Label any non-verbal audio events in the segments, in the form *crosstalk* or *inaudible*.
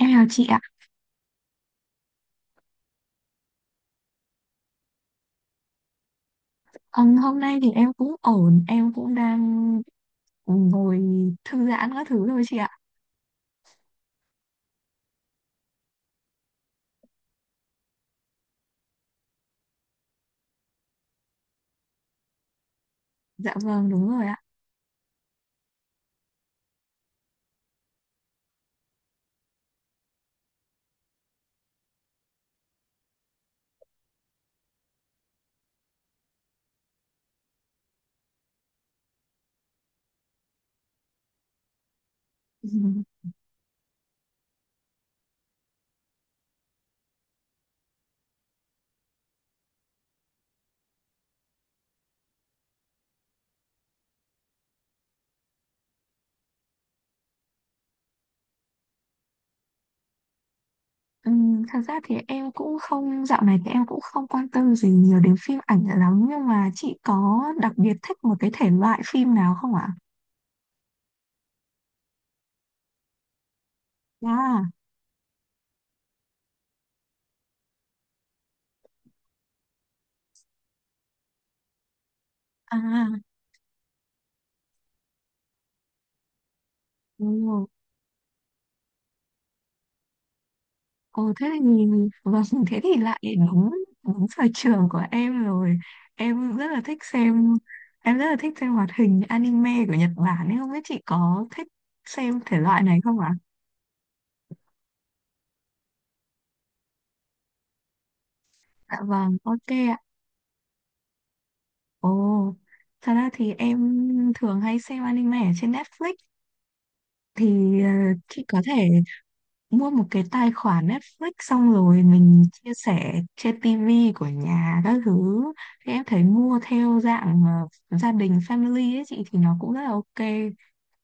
Em chào chị ạ. Hôm nay thì em cũng ổn, em cũng đang ngồi thư giãn các thứ thôi chị ạ. Dạ vâng, đúng rồi ạ. *laughs* Ừm, thật ra thì em cũng không, dạo này thì em cũng không quan tâm gì nhiều đến phim ảnh lắm, nhưng mà chị có đặc biệt thích một cái thể loại phim nào không ạ? À, à, đúng. Ồ thế thì vâng, *laughs* thế thì lại đúng đúng sở trường của em rồi. Em rất là thích xem Em rất là thích xem hoạt hình anime của Nhật Bản, nên không biết chị có thích xem thể loại này không ạ? Dạ vâng, ok ạ. Ồ, thật ra thì em thường hay xem anime ở trên Netflix thì chị có thể mua một cái tài khoản Netflix xong rồi mình chia sẻ trên TV của nhà các thứ, thì em thấy mua theo dạng gia đình family ấy chị thì nó cũng rất là ok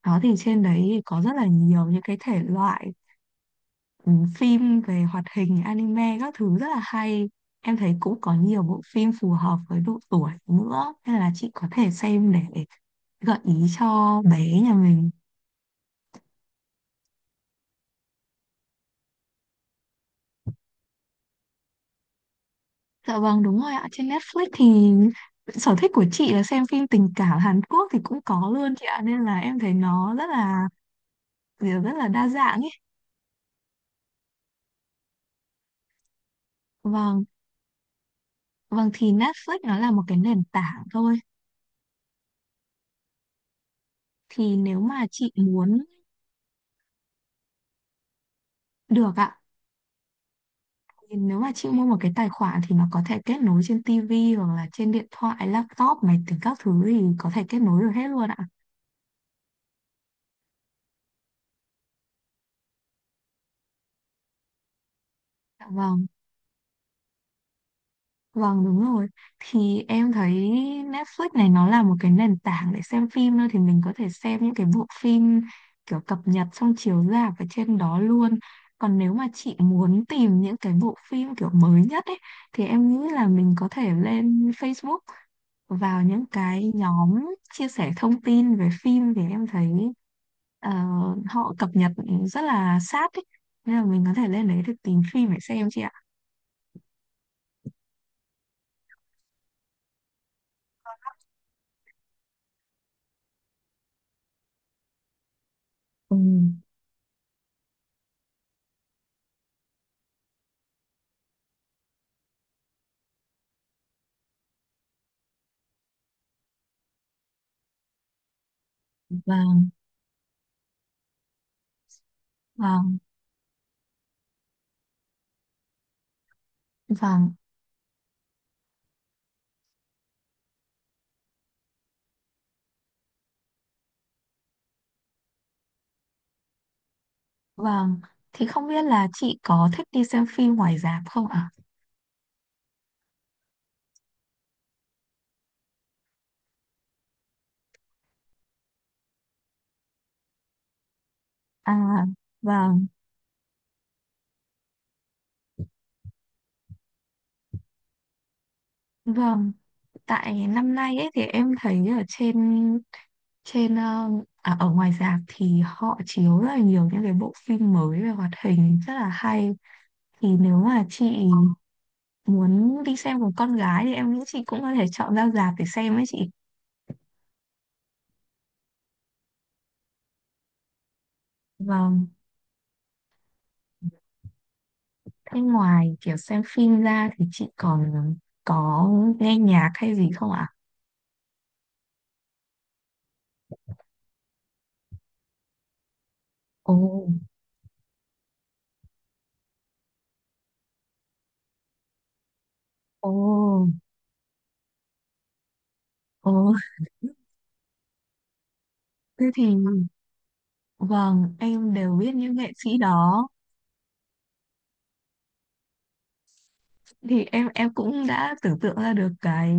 đó. Thì trên đấy thì có rất là nhiều những cái thể loại, ừ, phim về hoạt hình anime các thứ rất là hay. Em thấy cũng có nhiều bộ phim phù hợp với độ tuổi nữa, nên là chị có thể xem để gợi ý cho bé nhà mình. Dạ vâng đúng rồi ạ. Trên Netflix thì sở thích của chị là xem phim tình cảm Hàn Quốc thì cũng có luôn chị ạ. Nên là em thấy nó rất là kiểu rất là đa dạng ấy. Vâng, vâng, thì Netflix nó là một cái nền tảng thôi. Thì nếu mà chị muốn được ạ, thì nếu mà chị mua một cái tài khoản thì nó có thể kết nối trên TV hoặc là trên điện thoại, laptop, máy tính các thứ thì có thể kết nối được hết luôn ạ. Dạ vâng, vâng đúng rồi. Thì em thấy Netflix này nó là một cái nền tảng để xem phim thôi. Thì mình có thể xem những cái bộ phim kiểu cập nhật xong chiếu rạp ở trên đó luôn. Còn nếu mà chị muốn tìm những cái bộ phim kiểu mới nhất ấy, thì em nghĩ là mình có thể lên Facebook vào những cái nhóm chia sẻ thông tin về phim. Thì em thấy ờ, họ cập nhật rất là sát ấy. Nên là mình có thể lên đấy để tìm phim để xem chị ạ. Ừ, vâng. Vâng. Vâng, vâng. Thì không biết là chị có thích đi xem phim ngoài rạp không ạ? À, vâng, vâng. Tại năm nay ấy thì em thấy ở trên trên ờ, à, ở ngoài rạp thì họ chiếu rất là nhiều những cái bộ phim mới về hoạt hình rất là hay. Thì nếu mà chị muốn đi xem cùng con gái thì em nghĩ chị cũng có thể chọn ra rạp để xem ấy chị. Vâng. Thế ngoài kiểu xem phim ra thì chị còn có nghe nhạc hay gì không ạ? Ồ, ồ. Ồ, thế thì vâng, em đều biết những nghệ sĩ đó. Thì em cũng đã tưởng tượng ra được cái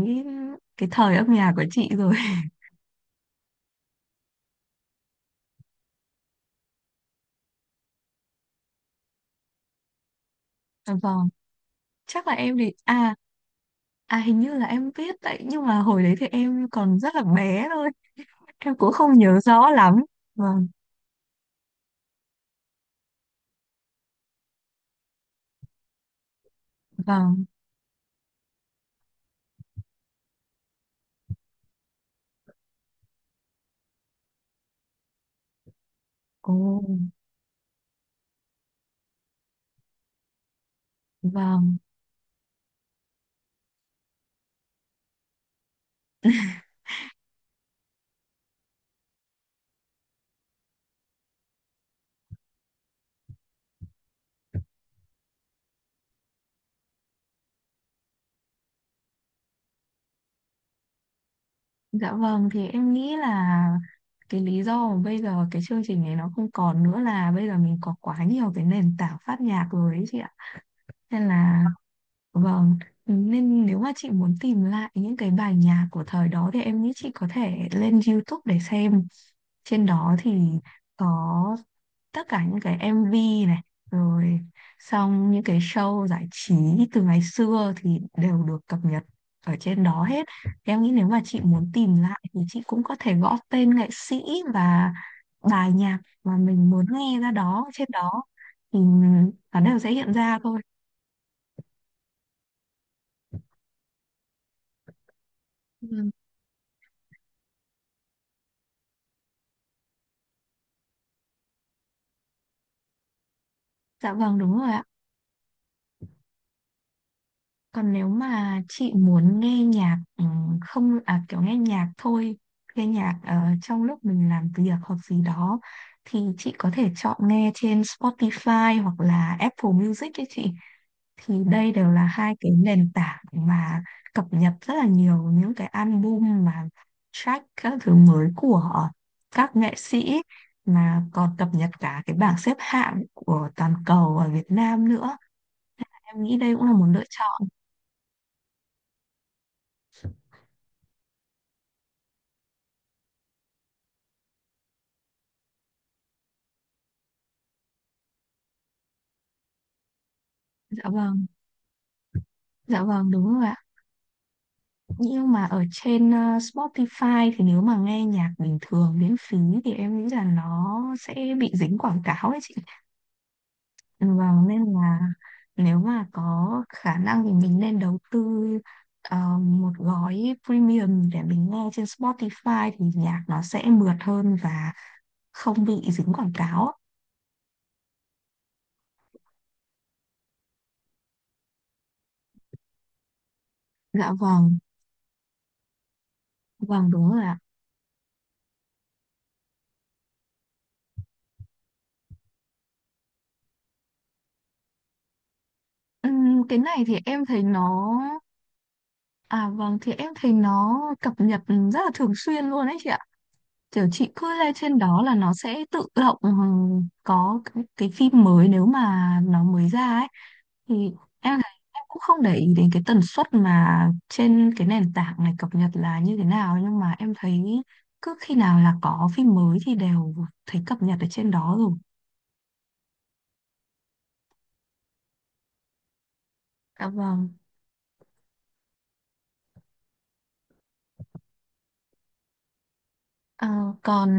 cái thời âm nhạc của chị rồi. *laughs* Vâng, chắc là em thì hình như là em biết đấy, nhưng mà hồi đấy thì em còn rất là bé thôi, em cũng không nhớ rõ lắm. Vâng, vâng. Ồ, vâng. Dạ vâng, thì em nghĩ là cái lý do mà bây giờ cái chương trình này nó không còn nữa là bây giờ mình có quá nhiều cái nền tảng phát nhạc rồi ấy chị ạ. Nên là vâng, nên nếu mà chị muốn tìm lại những cái bài nhạc của thời đó thì em nghĩ chị có thể lên YouTube để xem. Trên đó thì có tất cả những cái MV này, rồi xong những cái show giải trí từ ngày xưa thì đều được cập nhật ở trên đó hết. Thì em nghĩ nếu mà chị muốn tìm lại thì chị cũng có thể gõ tên nghệ sĩ và bài nhạc mà mình muốn nghe ra đó trên đó thì nó đều sẽ hiện ra thôi. Ừ. Dạ vâng, đúng rồi ạ. Còn nếu mà chị muốn nghe nhạc không à kiểu nghe nhạc thôi, nghe nhạc trong lúc mình làm việc hoặc gì đó thì chị có thể chọn nghe trên Spotify hoặc là Apple Music ấy chị. Thì đây đều là hai cái nền tảng mà cập nhật rất là nhiều những cái album mà track các thứ mới của các nghệ sĩ, mà còn cập nhật cả cái bảng xếp hạng của toàn cầu ở Việt Nam nữa. Em nghĩ đây cũng là một lựa chọn. Dạ vâng. Dạ vâng đúng rồi ạ. Nhưng mà ở trên Spotify thì nếu mà nghe nhạc bình thường miễn phí thì em nghĩ là nó sẽ bị dính quảng cáo ấy chị. Ừ, vâng nên là nếu mà có khả năng thì mình nên đầu tư một gói premium để mình nghe trên Spotify thì nhạc nó sẽ mượt hơn và không bị dính quảng cáo ạ. Dạ vâng, vâng đúng rồi ạ. Cái này thì em thấy nó À vâng, thì em thấy nó cập nhật rất là thường xuyên luôn ấy chị ạ. Kiểu chị cứ lên trên đó là nó sẽ tự động, có cái phim mới nếu mà nó mới ra ấy, thì em thấy em cũng không để ý đến cái tần suất mà trên cái nền tảng này cập nhật là như thế nào, nhưng mà em thấy cứ khi nào là có phim mới thì đều thấy cập nhật ở trên đó rồi. Dạ vâng. Ờ, còn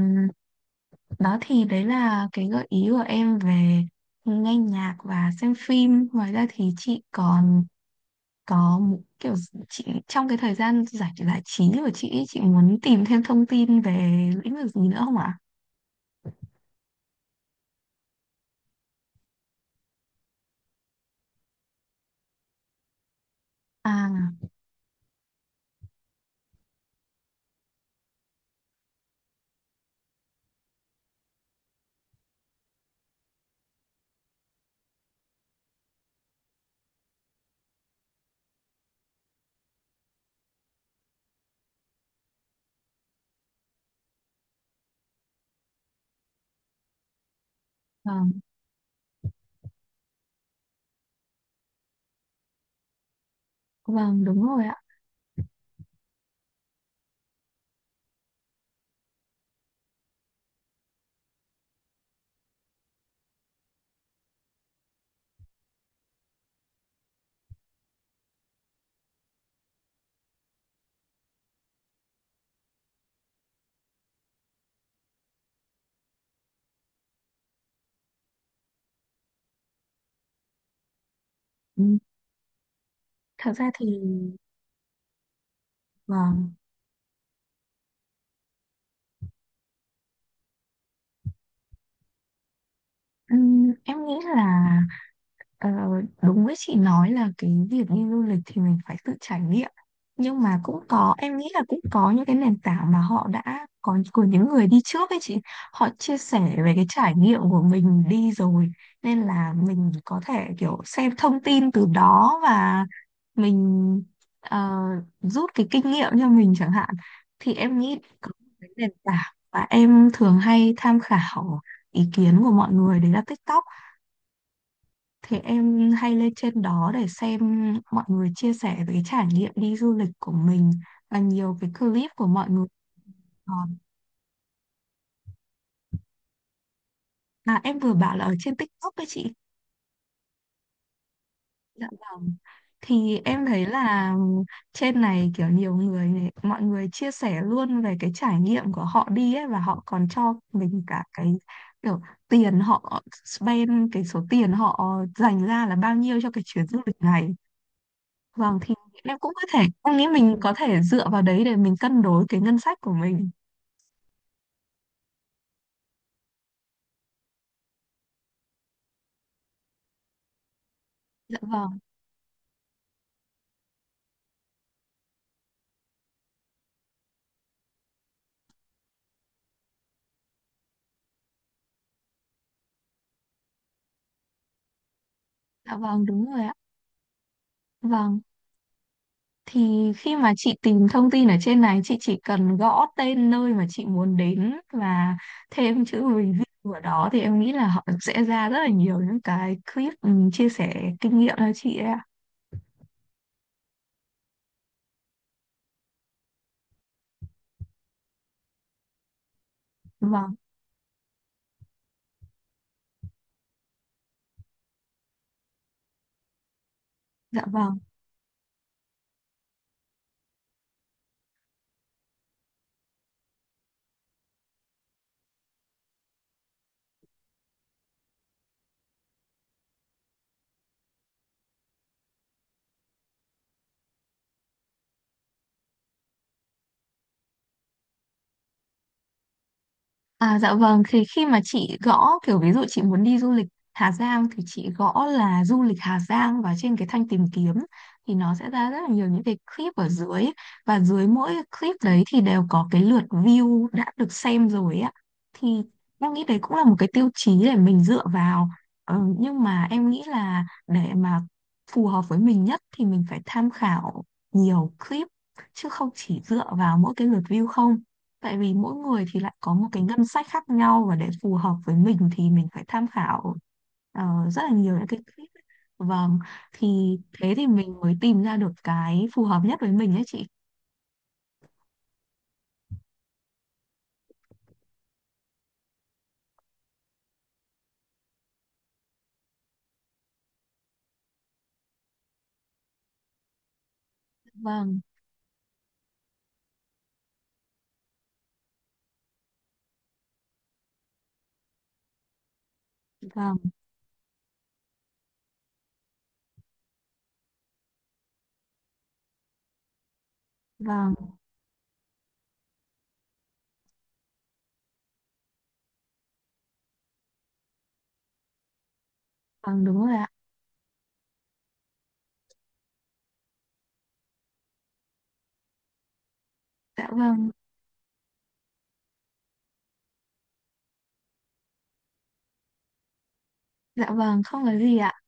đó thì đấy là cái gợi ý của em về nghe nhạc và xem phim. Ngoài ra thì chị còn có một kiểu chị trong cái thời gian giải giải trí của chị ý, chị muốn tìm thêm thông tin về lĩnh vực gì nữa không ạ? À, vâng, vâng đúng rồi ạ. Ừ, thật ra thì vâng, ừ, em nghĩ là Ờ, đúng với chị nói là cái việc đi du lịch thì mình phải tự trải nghiệm, nhưng mà cũng có em nghĩ là cũng có những cái nền tảng mà họ đã có của những người đi trước ấy chị, họ chia sẻ về cái trải nghiệm của mình đi rồi, nên là mình có thể kiểu xem thông tin từ đó và mình ờ, rút cái kinh nghiệm cho mình chẳng hạn. Thì em nghĩ có một cái nền tảng mà em thường hay tham khảo ý kiến của mọi người đấy là TikTok. Thế em hay lên trên đó để xem mọi người chia sẻ về cái trải nghiệm đi du lịch của mình và nhiều cái clip của mọi người. Ờ, à, em vừa bảo là ở trên TikTok đấy chị. Dạ vâng. Thì em thấy là trên này kiểu nhiều người, mọi người chia sẻ luôn về cái trải nghiệm của họ đi ấy, và họ còn cho mình cả cái kiểu tiền họ spend, cái số tiền họ dành ra là bao nhiêu cho cái chuyến du lịch này. Vâng thì em cũng có thể em nghĩ mình có thể dựa vào đấy để mình cân đối cái ngân sách của mình. Dạ vâng, dạ vâng đúng rồi ạ. Vâng, thì khi mà chị tìm thông tin ở trên này chị chỉ cần gõ tên nơi mà chị muốn đến và thêm chữ review vào đó thì em nghĩ là họ sẽ ra rất là nhiều những cái clip, chia sẻ kinh nghiệm cho chị ấy ạ. Vâng, dạ vâng. À, dạ vâng, thì khi mà chị gõ kiểu ví dụ chị muốn đi du lịch Hà Giang thì chị gõ là du lịch Hà Giang và trên cái thanh tìm kiếm thì nó sẽ ra rất là nhiều những cái clip ở dưới, và dưới mỗi clip đấy thì đều có cái lượt view đã được xem rồi ạ. Thì em nghĩ đấy cũng là một cái tiêu chí để mình dựa vào. Ờ, nhưng mà em nghĩ là để mà phù hợp với mình nhất thì mình phải tham khảo nhiều clip chứ không chỉ dựa vào mỗi cái lượt view không. Tại vì mỗi người thì lại có một cái ngân sách khác nhau và để phù hợp với mình thì mình phải tham khảo rất là nhiều những cái clip. Vâng, thì thế thì mình mới tìm ra được cái phù hợp nhất với mình ấy chị. Vâng, vâng, vâng, vâng đúng rồi ạ. Dạ vâng, dạ vâng, không có gì ạ.